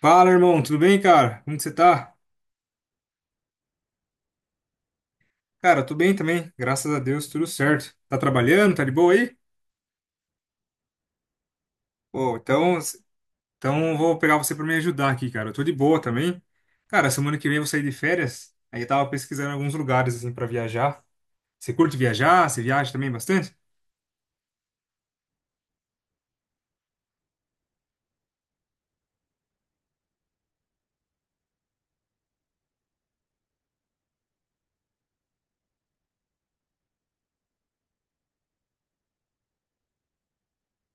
Fala, irmão, tudo bem, cara? Como que você tá? Cara, tô bem também, graças a Deus, tudo certo. Tá trabalhando? Tá de boa aí? Pô, então, eu vou pegar você pra me ajudar aqui, cara. Eu tô de boa também. Cara, semana que vem eu vou sair de férias, aí eu tava pesquisando alguns lugares, assim, pra viajar. Você curte viajar? Você viaja também bastante?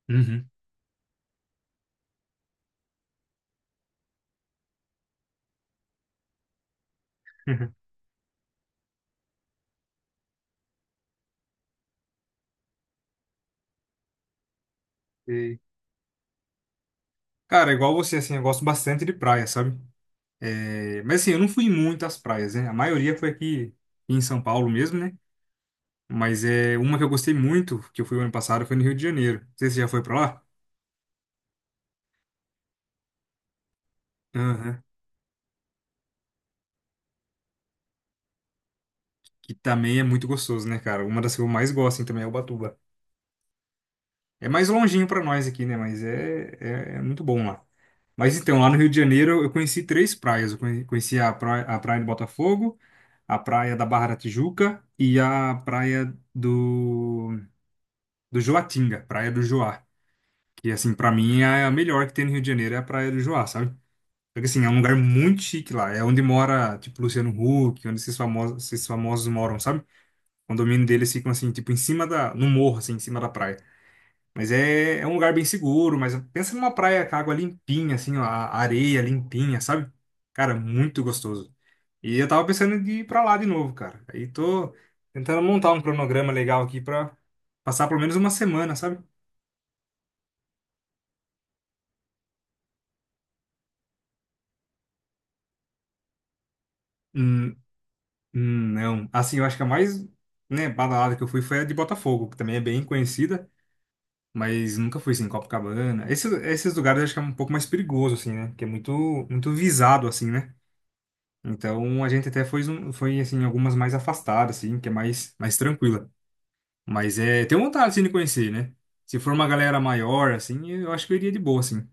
Uhum. E, cara, igual você, assim, eu gosto bastante de praia, sabe? É, mas assim, eu não fui muito às praias, né? A maioria foi aqui em São Paulo mesmo, né? Mas é uma que eu gostei muito, que eu fui ano passado, foi no Rio de Janeiro. Não sei se você já foi pra lá? Aham. Que também é muito gostoso, né, cara? Uma das que eu mais gosto, assim, também é Ubatuba. É mais longinho pra nós aqui, né? Mas é, é muito bom lá. Mas então, lá no Rio de Janeiro, eu conheci três praias. Eu conheci a praia de Botafogo, a praia da Barra da Tijuca e a praia do Joatinga, praia do Joá. Que, assim, pra mim, é a melhor que tem no Rio de Janeiro, é a praia do Joá, sabe? Porque assim, é um lugar muito chique lá. É onde mora, tipo, Luciano Huck, onde esses famosos moram, sabe? O condomínio deles ficam assim, tipo, no morro, assim, em cima da praia. Mas é um lugar bem seguro, mas pensa numa praia com água limpinha, assim, ó, a areia limpinha, sabe? Cara, muito gostoso. E eu tava pensando de ir pra lá de novo, cara. Aí tô tentando montar um cronograma legal aqui pra passar pelo menos uma semana, sabe? Hum, não. Assim, eu acho que a mais, né, badalada que eu fui foi a de Botafogo, que também é bem conhecida. Mas nunca fui, assim, em Copacabana. Esses lugares eu acho que é um pouco mais perigoso, assim, né? Porque é muito, muito visado, assim, né? Então a gente até foi, foi assim, em algumas mais afastadas, assim, que é mais, mais tranquila. Mas é, tenho vontade, assim, de conhecer, né? Se for uma galera maior, assim, eu acho que eu iria de boa, assim.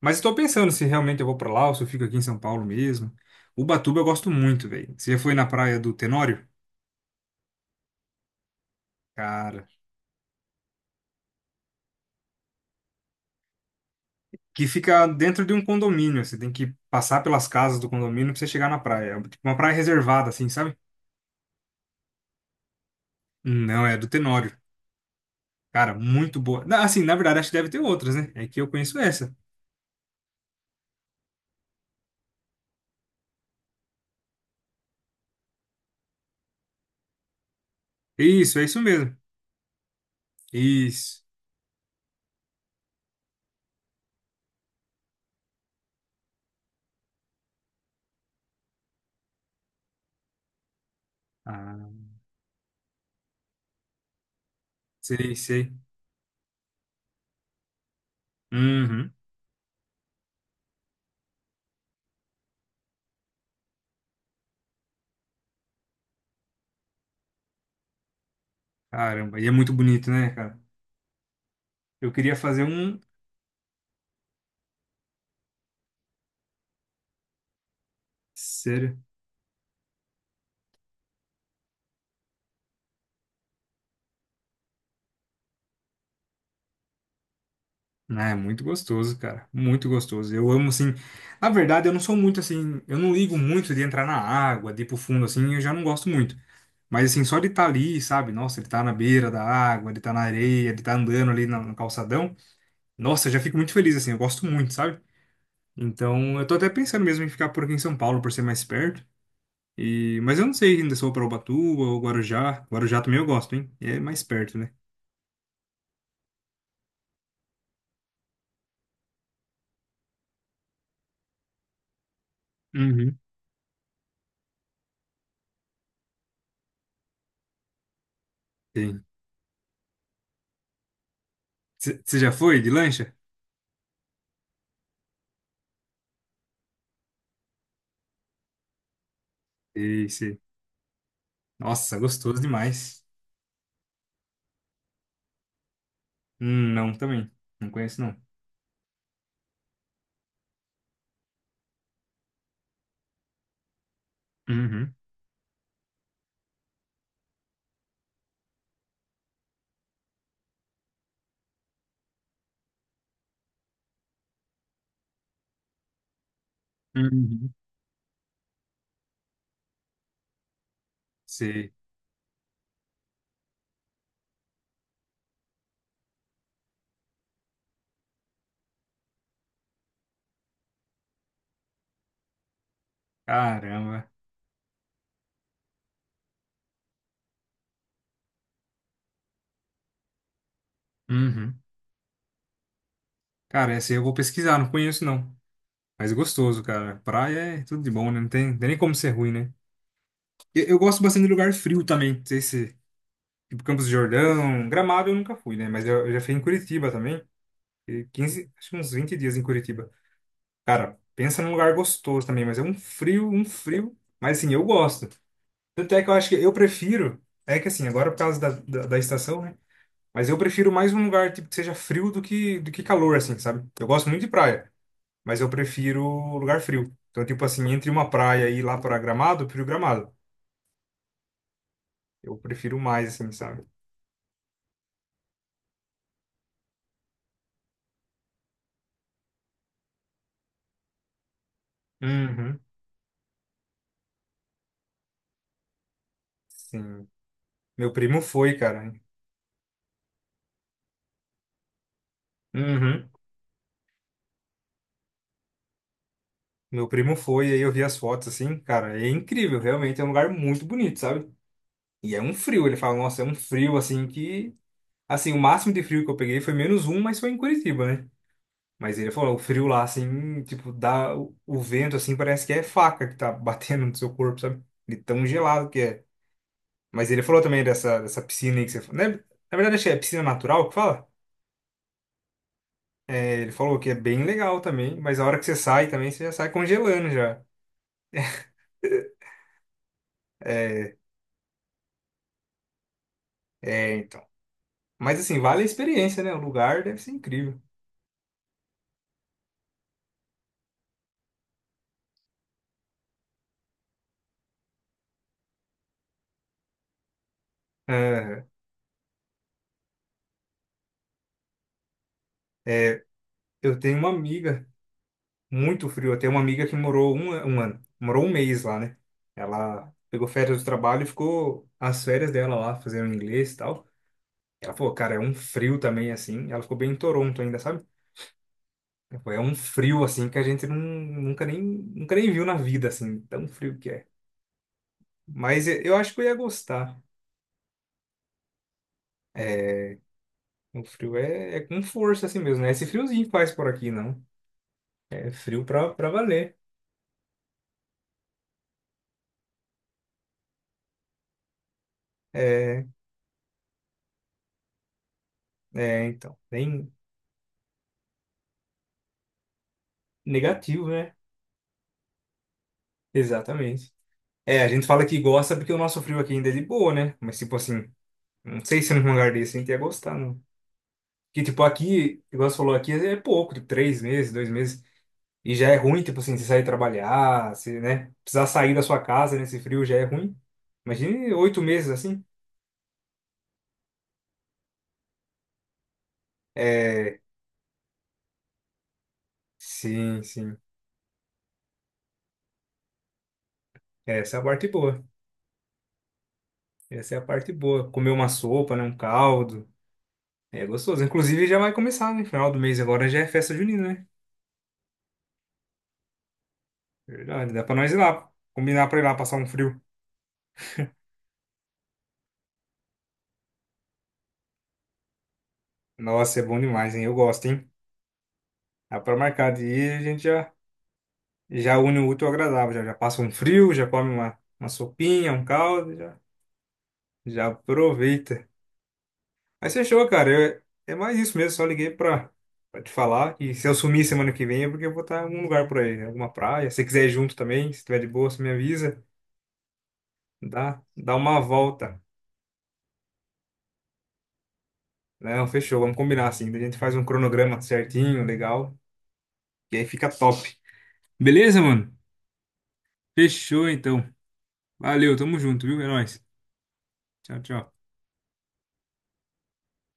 Mas estou pensando se realmente eu vou pra lá ou se eu fico aqui em São Paulo mesmo. Ubatuba eu gosto muito, velho. Você já foi na praia do Tenório? Cara, que fica dentro de um condomínio. Você tem que passar pelas casas do condomínio pra você chegar na praia. É tipo uma praia reservada, assim, sabe? Não, é do Tenório. Cara, muito boa. Assim, na verdade, acho que deve ter outras, né? É que eu conheço essa. Isso, é isso mesmo. Isso. Ah, sei, sei. Uhum. Caramba, e é muito bonito, né, cara? Eu queria fazer um. Sério. Ah, é muito gostoso, cara. Muito gostoso. Eu amo, assim. Na verdade, eu não sou muito assim. Eu não ligo muito de entrar na água, de ir pro fundo, assim. Eu já não gosto muito. Mas assim, só de estar ali, sabe? Nossa, ele tá na beira da água, ele tá na areia, ele tá andando ali no calçadão. Nossa, eu já fico muito feliz, assim, eu gosto muito, sabe? Então, eu tô até pensando mesmo em ficar por aqui em São Paulo, por ser mais perto. E... Mas eu não sei ainda se eu vou pra Ubatuba ou Guarujá. Guarujá também eu gosto, hein? É mais perto, né? Uhum. Sim. Você já foi de lancha? Sei, sei. Nossa, gostoso demais. Não, também. Não conheço, não. Uhum. Uhum. Sei. Caramba. Uhum. Cara, essa aí eu vou pesquisar, não conheço, não. Mas gostoso, cara. Praia é tudo de bom, né? Não tem nem como ser ruim, né? Eu gosto bastante de lugar frio também. Não sei se, tipo, Campos do Jordão, Gramado eu nunca fui, né? Mas eu já fui em Curitiba também. E 15, acho que uns 20 dias em Curitiba. Cara, pensa num lugar gostoso também, mas é um frio, um frio. Mas assim, eu gosto. Tanto é que eu acho que eu prefiro. É que assim, agora por causa da estação, né? Mas eu prefiro mais um lugar, tipo, que seja frio do que calor, assim, sabe? Eu gosto muito de praia, mas eu prefiro lugar frio. Então, tipo assim, entre uma praia e ir lá para Gramado. Eu prefiro mais, assim, sabe? Uhum. Sim. Meu primo foi, cara. Uhum. Meu primo foi, aí eu vi as fotos, assim, cara, é incrível, realmente é um lugar muito bonito, sabe? E é um frio, ele fala, nossa, é um frio, assim, que... Assim, o máximo de frio que eu peguei foi menos um, mas foi em Curitiba, né? Mas ele falou, o frio lá, assim, tipo, dá... O vento, assim, parece que é faca que tá batendo no seu corpo, sabe? De tão gelado que é. Mas ele falou também dessa piscina aí que você falou, né? Na verdade, acho que é piscina natural que fala. É, ele falou que é bem legal também, mas a hora que você sai também, você já sai congelando já. É, então. Mas assim, vale a experiência, né? O lugar deve ser incrível. Aham. É, eu tenho uma amiga, muito frio. Eu tenho uma amiga que morou um ano, morou um mês lá, né? Ela pegou férias do trabalho e ficou as férias dela lá, fazendo inglês e tal. Ela falou, cara, é um frio também, assim. Ela ficou bem em Toronto ainda, sabe? Tipo, é um frio assim que a gente não, nunca nem viu na vida, assim, tão frio que é. Mas eu acho que eu ia gostar. É, o frio é com força assim mesmo, né? Esse friozinho que faz por aqui, não. É frio pra valer. É, então, bem negativo, né? Exatamente. É, a gente fala que gosta porque o nosso frio aqui ainda é de boa, né? Mas tipo assim, não sei se num lugar desse a gente ia gostar, não. Que tipo aqui, igual você falou aqui, é pouco, tipo 3 meses, 2 meses. E já é ruim, tipo assim, você sair trabalhar, se, né? Precisar sair da sua casa nesse frio já é ruim. Imagine 8 meses assim. É, sim, sim. Essa é a parte boa. Essa é a parte boa. Comer uma sopa, né? Um caldo. É gostoso. Inclusive já vai começar, né? Final do mês agora já é festa junina, né? Verdade. Dá pra nós ir lá. Combinar pra ir lá passar um frio. Nossa, é bom demais, hein? Eu gosto, hein? Dá pra marcar de ir, a gente já une o útil ao agradável. Já passa um frio, já come uma sopinha, um caldo, já aproveita. Mas fechou, cara. Eu- é mais isso mesmo. Só liguei pra te falar. E se eu sumir semana que vem é porque eu vou estar em algum lugar por aí, em alguma praia. Se você quiser ir junto também, se tiver de boa, você me avisa. Dá uma volta. Não, fechou. Vamos combinar assim. Daí a gente faz um cronograma certinho, legal. E aí fica top. Beleza, mano? Fechou então. Valeu, tamo junto, viu? É nóis. Tchau, tchau.